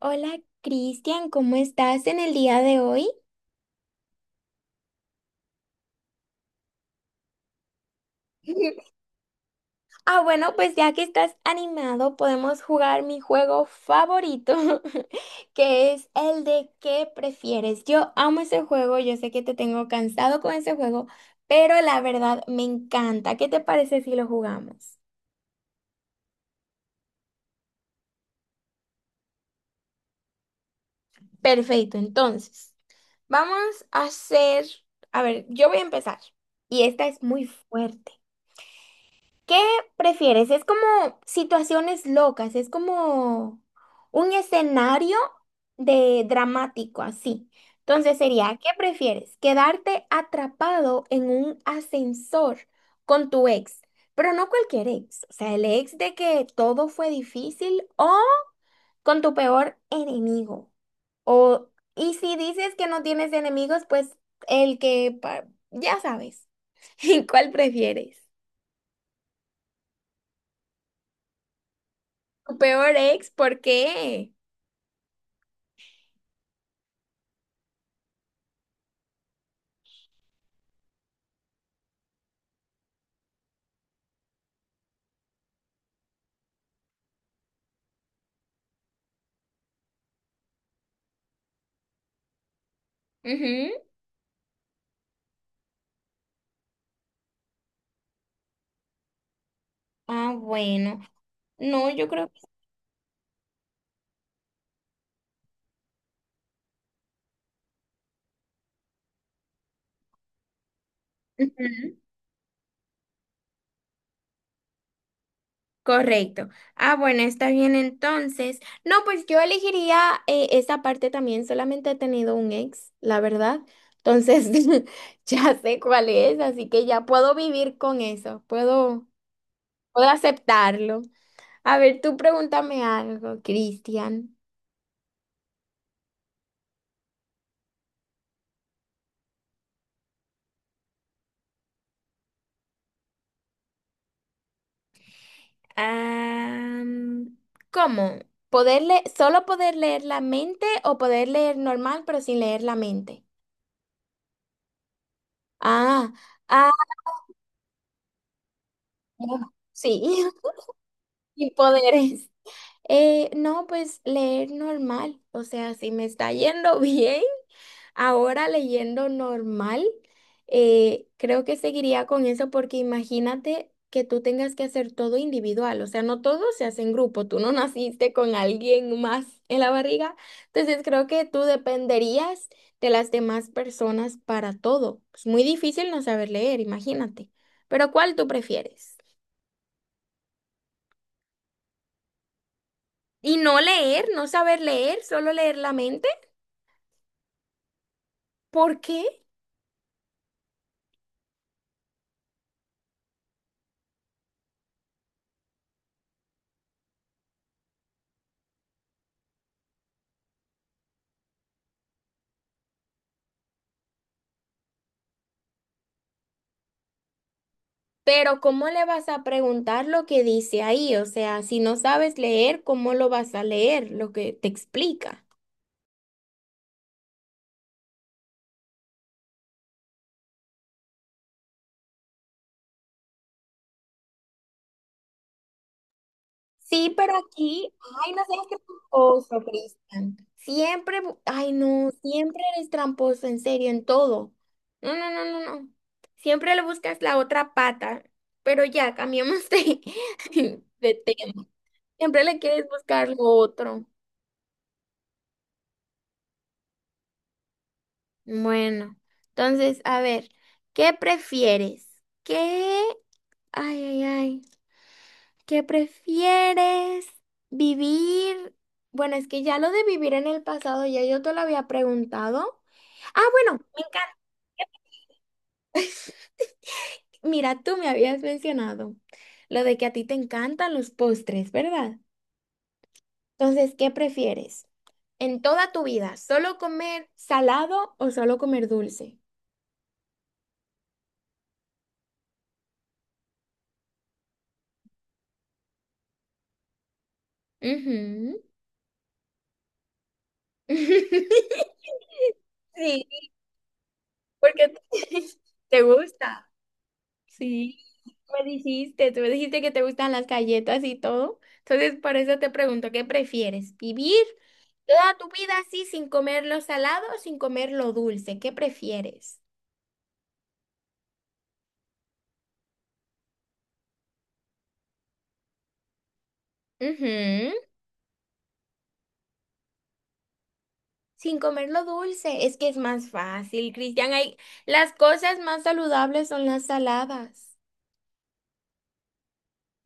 Hola Cristian, ¿cómo estás en el día de hoy? Bueno, pues ya que estás animado, podemos jugar mi juego favorito, que es el de ¿qué prefieres? Yo amo ese juego, yo sé que te tengo cansado con ese juego, pero la verdad me encanta. ¿Qué te parece si lo jugamos? Perfecto, entonces, vamos a hacer, a ver, yo voy a empezar y esta es muy fuerte. ¿Qué prefieres? Es como situaciones locas, es como un escenario de dramático así. Entonces sería, ¿qué prefieres? ¿Quedarte atrapado en un ascensor con tu ex? Pero no cualquier ex, o sea, el ex de que todo fue difícil o con tu peor enemigo. O, y si dices que no tienes enemigos, pues el que, ya sabes, ¿cuál prefieres? ¿Tu peor ex? ¿Por qué? Ujú. Bueno. No, yo creo que... Ujú. Correcto. Bueno, está bien entonces. No, pues yo elegiría esa parte también. Solamente he tenido un ex, la verdad. Entonces, ya sé cuál es, así que ya puedo vivir con eso. Puedo aceptarlo. A ver, tú pregúntame algo, Cristian. Ah, ¿Cómo? Solo poder leer la mente o poder leer normal pero sin leer la mente? Ah, ah, no, sí, sin poderes. No, pues leer normal, o sea, si me está yendo bien, ahora leyendo normal, creo que seguiría con eso porque imagínate que tú tengas que hacer todo individual, o sea, no todo se hace en grupo, tú no naciste con alguien más en la barriga, entonces creo que tú dependerías de las demás personas para todo. Es muy difícil no saber leer, imagínate. Pero ¿cuál tú prefieres? Y no leer, no saber leer, solo leer la mente. ¿Por qué? Pero ¿cómo le vas a preguntar lo que dice ahí? O sea, si no sabes leer, ¿cómo lo vas a leer? Lo que te explica. Sí, pero aquí, ay, no seas tramposo, Cristian. Siempre, ay, no, siempre eres tramposo, en serio, en todo. No. Siempre le buscas la otra pata, pero ya, de tema. Siempre le quieres buscar lo otro. Bueno, entonces, a ver, ¿qué prefieres? ¿Qué? Ay, ay, ay. ¿Qué prefieres? ¿Vivir? Bueno, es que ya lo de vivir en el pasado, ya yo te lo había preguntado. Bueno, me encanta. Mira, tú me habías mencionado lo de que a ti te encantan los postres, ¿verdad? Entonces, ¿qué prefieres? En toda tu vida, ¿solo comer salado o solo comer dulce? Ujú. Sí, porque te gusta. Sí. Me dijiste, tú me dijiste que te gustan las galletas y todo. Entonces, por eso te pregunto, ¿qué prefieres? ¿Vivir toda tu vida así sin comer lo salado o sin comer lo dulce? ¿Qué prefieres? Ujú, sin comer lo dulce, es que es más fácil, Cristian. Hay... Las cosas más saludables son las saladas.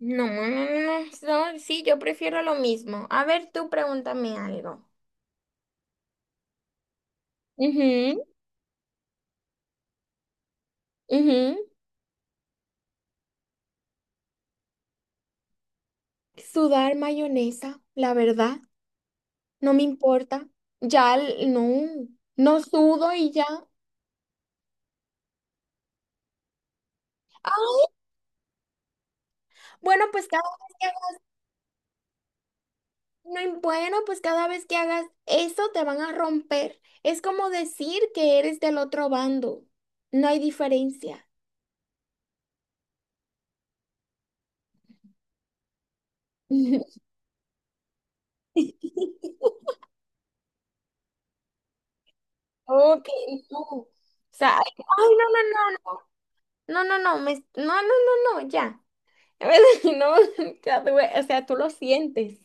No, no, no, no, no, sí, yo prefiero lo mismo. A ver, tú pregúntame algo. Ujú, ujú. Sudar mayonesa, la verdad. No me importa. No, no sudo y ya. Ah, bueno, pues cada vez que hagas, no, bueno, pues cada vez que hagas eso te van a romper. Es como decir que eres del otro bando. No hay diferencia. Ok, no. O sea, ay, ay, no. Ya. No, o sea, tú lo sientes.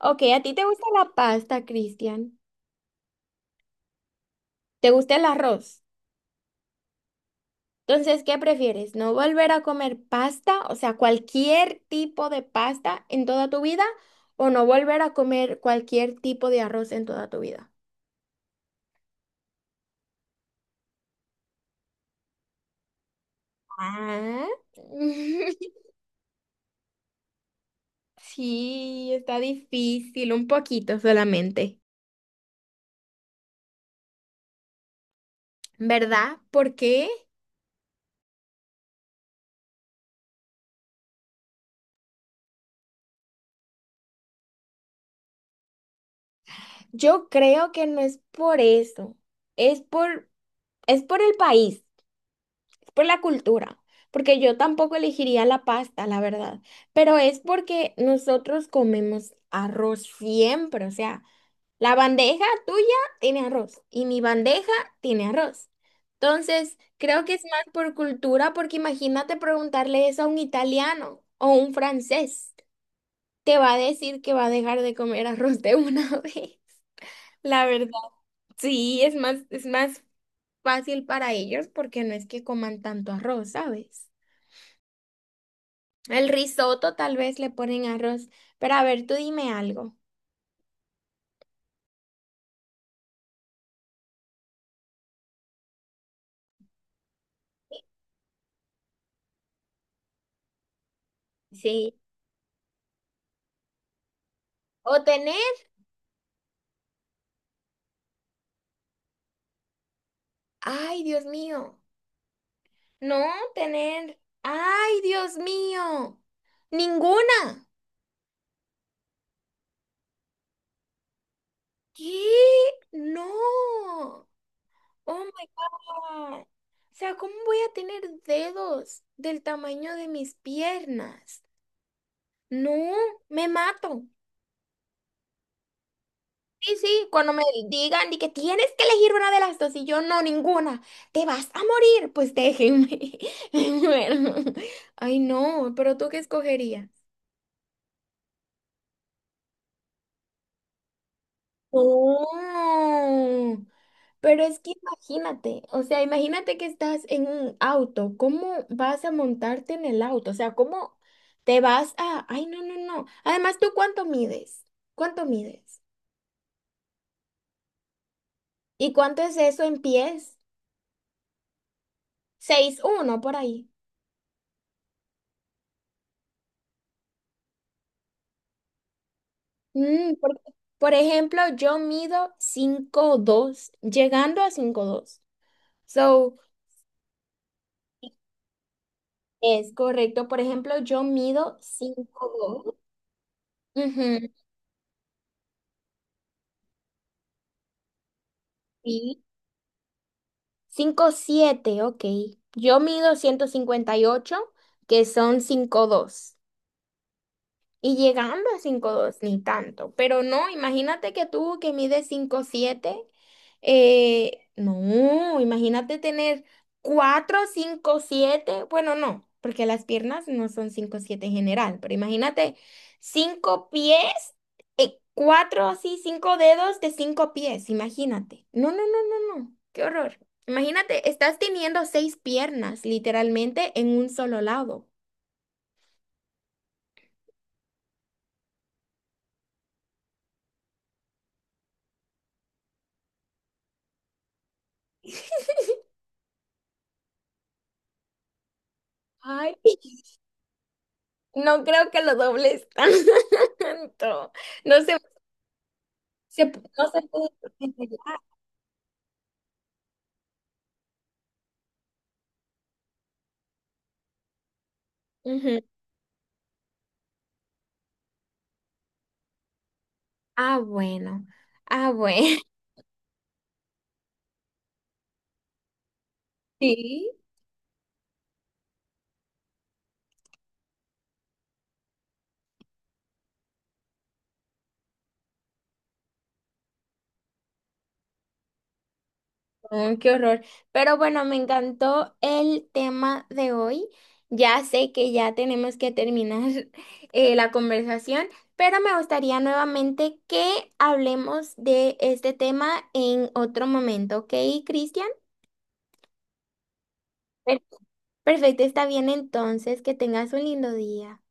Ok, ¿a ti te gusta la pasta, Cristian? ¿Te gusta el arroz? Entonces, ¿qué prefieres? ¿No volver a comer pasta, o sea, cualquier tipo de pasta en toda tu vida, o no volver a comer cualquier tipo de arroz en toda tu vida? Ah. Sí, está difícil, un poquito solamente, ¿verdad? Porque yo creo que no es por eso, es por, es por el país. Por la cultura, porque yo tampoco elegiría la pasta, la verdad, pero es porque nosotros comemos arroz siempre, o sea, la bandeja tuya tiene arroz y mi bandeja tiene arroz. Entonces, creo que es más por cultura, porque imagínate preguntarle eso a un italiano o un francés, te va a decir que va a dejar de comer arroz de una vez. La verdad, sí, es más fácil para ellos porque no es que coman tanto arroz, ¿sabes? El risotto tal vez le ponen arroz. Pero a ver, tú dime algo. Sí. O tener, ay, Dios mío. No, tener, ay, Dios mío. Ninguna. ¿Qué? No. Oh my God. O sea, ¿cómo voy a tener dedos del tamaño de mis piernas? No, me mato. Sí, sí, cuando me digan y que tienes que elegir una de las dos y yo no, ninguna, te vas a morir, pues déjenme. Bueno, ay no, pero ¿tú qué escogerías? No, pero es que imagínate, o sea, imagínate que estás en un auto, ¿cómo vas a montarte en el auto? O sea, ¿cómo te vas a... Ay, no, no, no. Además, ¿tú cuánto mides? ¿Cuánto mides? ¿Y cuánto es eso en pies? Seis, uno, por ahí. Mm, por ejemplo, yo mido cinco dos llegando a cinco dos. So, es correcto. Por ejemplo, yo mido 5'2. Ujú, sí. Cinco siete. Ok. Yo mido 158 que son cinco dos. Y llegando a cinco dos ni tanto. Pero no, imagínate que tú que mides cinco siete no, imagínate tener cuatro cinco siete bueno, no, porque las piernas no son cinco siete en general, pero imagínate 5 pies, 4 así, 5 dedos de 5 pies, imagínate. No, no, no, no, no, qué horror. Imagínate, estás teniendo seis piernas literalmente en un solo lado. Ay. No creo que lo dobles tanto. No se, no se puede revelar. Ujú. Ah, bueno. Ah, bueno. Sí. Mm, qué horror. Pero bueno, me encantó el tema de hoy. Ya sé que ya tenemos que terminar la conversación, pero me gustaría nuevamente que hablemos de este tema en otro momento, ¿ok, Cristian? Per- Perfecto, está bien entonces. Que tengas un lindo día.